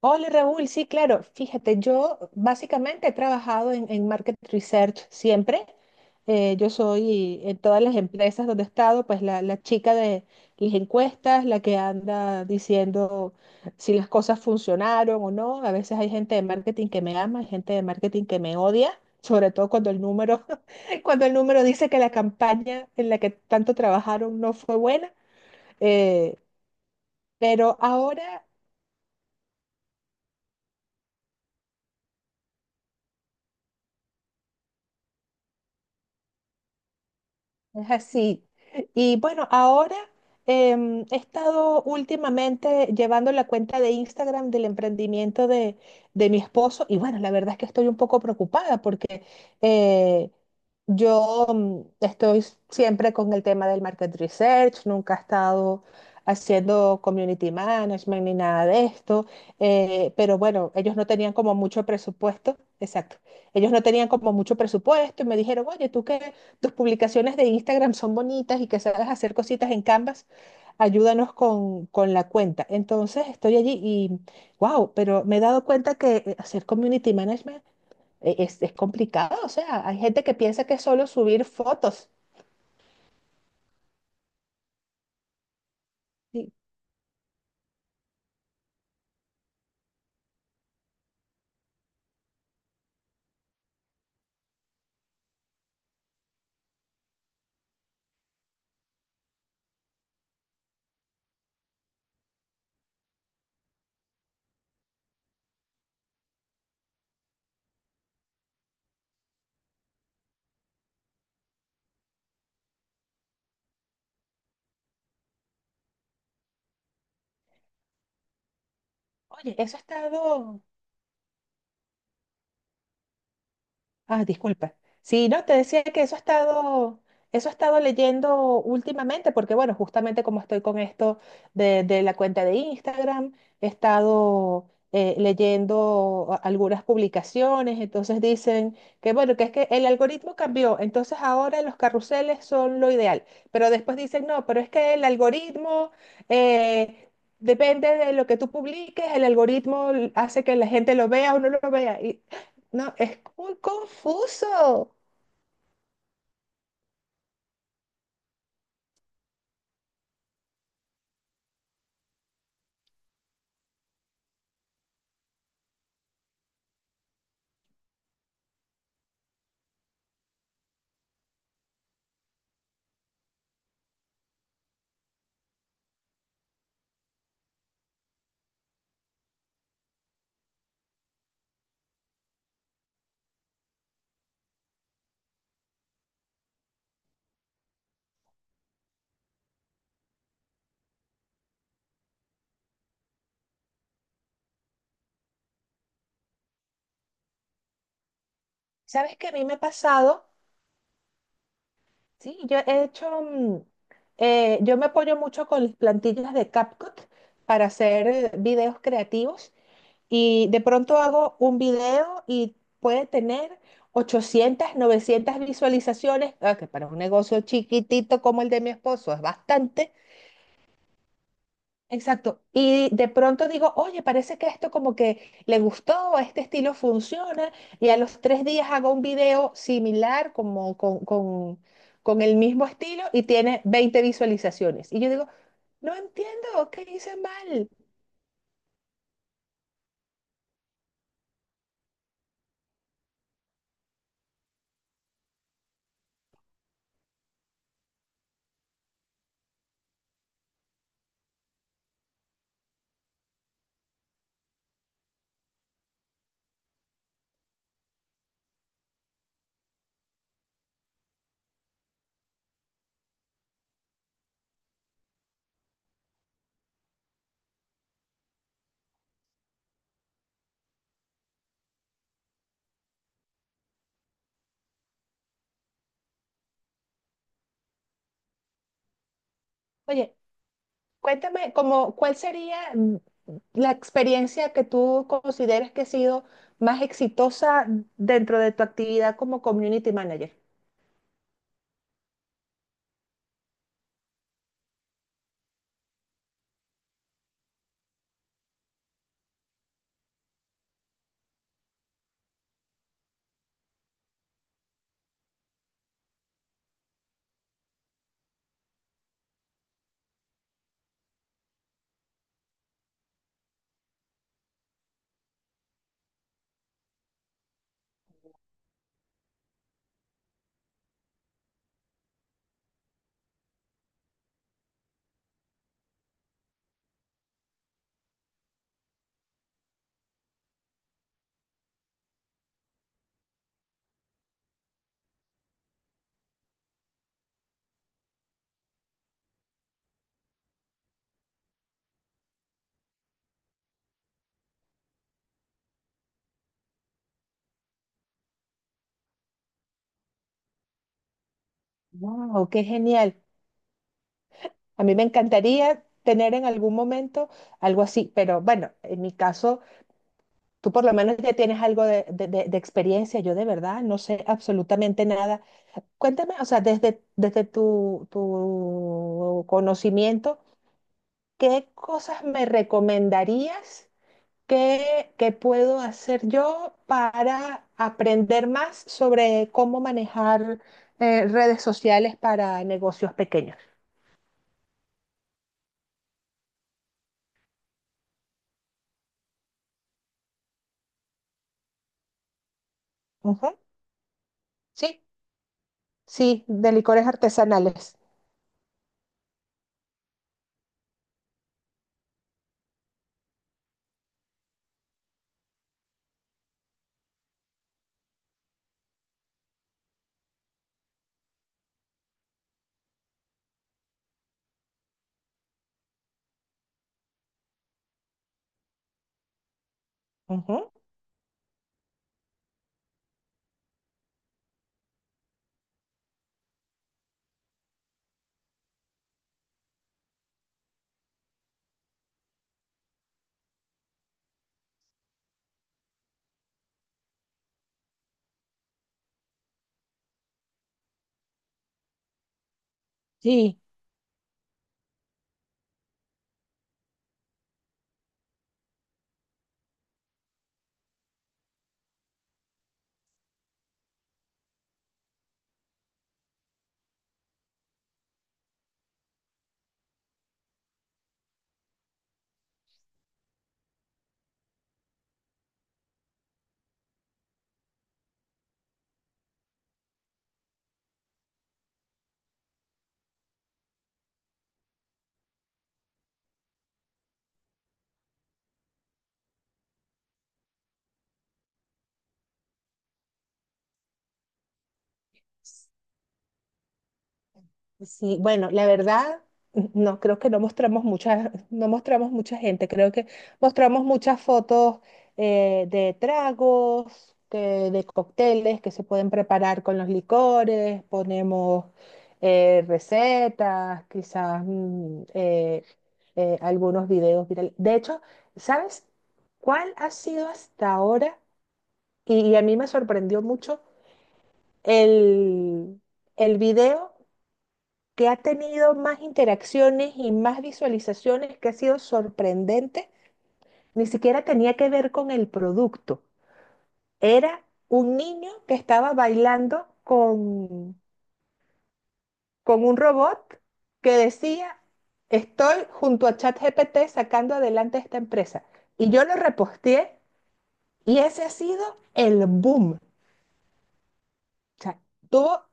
Hola Raúl, sí, claro. Fíjate, yo básicamente he trabajado en market research siempre. Yo soy en todas las empresas donde he estado, pues la chica de las encuestas, la que anda diciendo si las cosas funcionaron o no. A veces hay gente de marketing que me ama, hay gente de marketing que me odia, sobre todo cuando el número, cuando el número dice que la campaña en la que tanto trabajaron no fue buena. Eh, pero ahora. Es así. Y bueno, ahora he estado últimamente llevando la cuenta de Instagram del emprendimiento de mi esposo y bueno, la verdad es que estoy un poco preocupada porque. Eh, yo estoy siempre con el tema del market research, nunca he estado haciendo community management ni nada de esto, pero bueno, ellos no tenían como mucho presupuesto, exacto, ellos no tenían como mucho presupuesto y me dijeron, oye, tú que tus publicaciones de Instagram son bonitas y que sabes hacer cositas en Canvas, ayúdanos con la cuenta. Entonces estoy allí y, wow, pero me he dado cuenta que hacer community management es complicado, o sea, hay gente que piensa que es solo subir fotos. Y, Oye, eso es todo. Ah, disculpa. Sí, no, te decía que eso ha estado, eso he estado leyendo últimamente, porque bueno, justamente como estoy con esto de la cuenta de Instagram, he estado leyendo algunas publicaciones, entonces dicen que bueno, que es que el algoritmo cambió, entonces ahora los carruseles son lo ideal, pero después dicen, no, pero es que el algoritmo, eh, depende de lo que tú publiques, el algoritmo hace que la gente lo vea o no lo vea. No, es muy confuso. ¿Sabes qué a mí me ha pasado? Sí, yo he hecho, mm, yo me apoyo mucho con las plantillas de CapCut para hacer videos creativos y de pronto hago un video y puede tener 800, 900 visualizaciones, ah, que para un negocio chiquitito como el de mi esposo es bastante. Exacto. Y de pronto digo, oye, parece que esto como que le gustó, este estilo funciona, y a los 3 días hago un video similar, como con el mismo estilo, y tiene 20 visualizaciones. Y yo digo, no entiendo, ¿qué hice mal? Oye, cuéntame, como, ¿cuál sería la experiencia que tú consideres que ha sido más exitosa dentro de tu actividad como community manager? Wow, qué genial. A mí me encantaría tener en algún momento algo así, pero bueno, en mi caso, tú por lo menos ya tienes algo de experiencia, yo de verdad no sé absolutamente nada. Cuéntame, o sea, desde tu conocimiento, ¿qué cosas me recomendarías, que puedo hacer yo para aprender más sobre cómo manejar redes sociales para negocios pequeños? Ujú. Sí. Sí, de licores artesanales. Ujú. Sí, sí. Bueno, la verdad, no creo que no mostramos mucha gente. Creo que mostramos muchas fotos de tragos, de cócteles que se pueden preparar con los licores. Ponemos recetas, quizás algunos videos virales. De hecho, ¿sabes cuál ha sido hasta ahora? Y a mí me sorprendió mucho. el, el video que ha tenido más interacciones y más visualizaciones, que ha sido sorprendente, ni siquiera tenía que ver con el producto. Era un niño que estaba bailando con un robot que decía, estoy junto a ChatGPT sacando adelante esta empresa. Y yo lo reposteé y ese ha sido el boom. O sea, tuvo.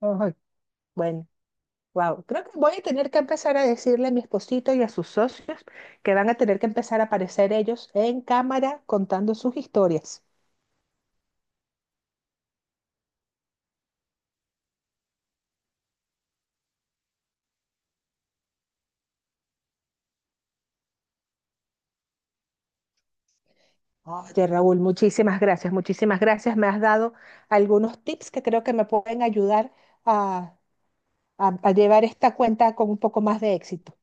Ay, bueno, wow, creo que voy a tener que empezar a decirle a mi esposito y a sus socios que van a tener que empezar a aparecer ellos en cámara contando sus historias. Oye, Raúl, muchísimas gracias, muchísimas gracias. Me has dado algunos tips que creo que me pueden ayudar a, a llevar esta cuenta con un poco más de éxito.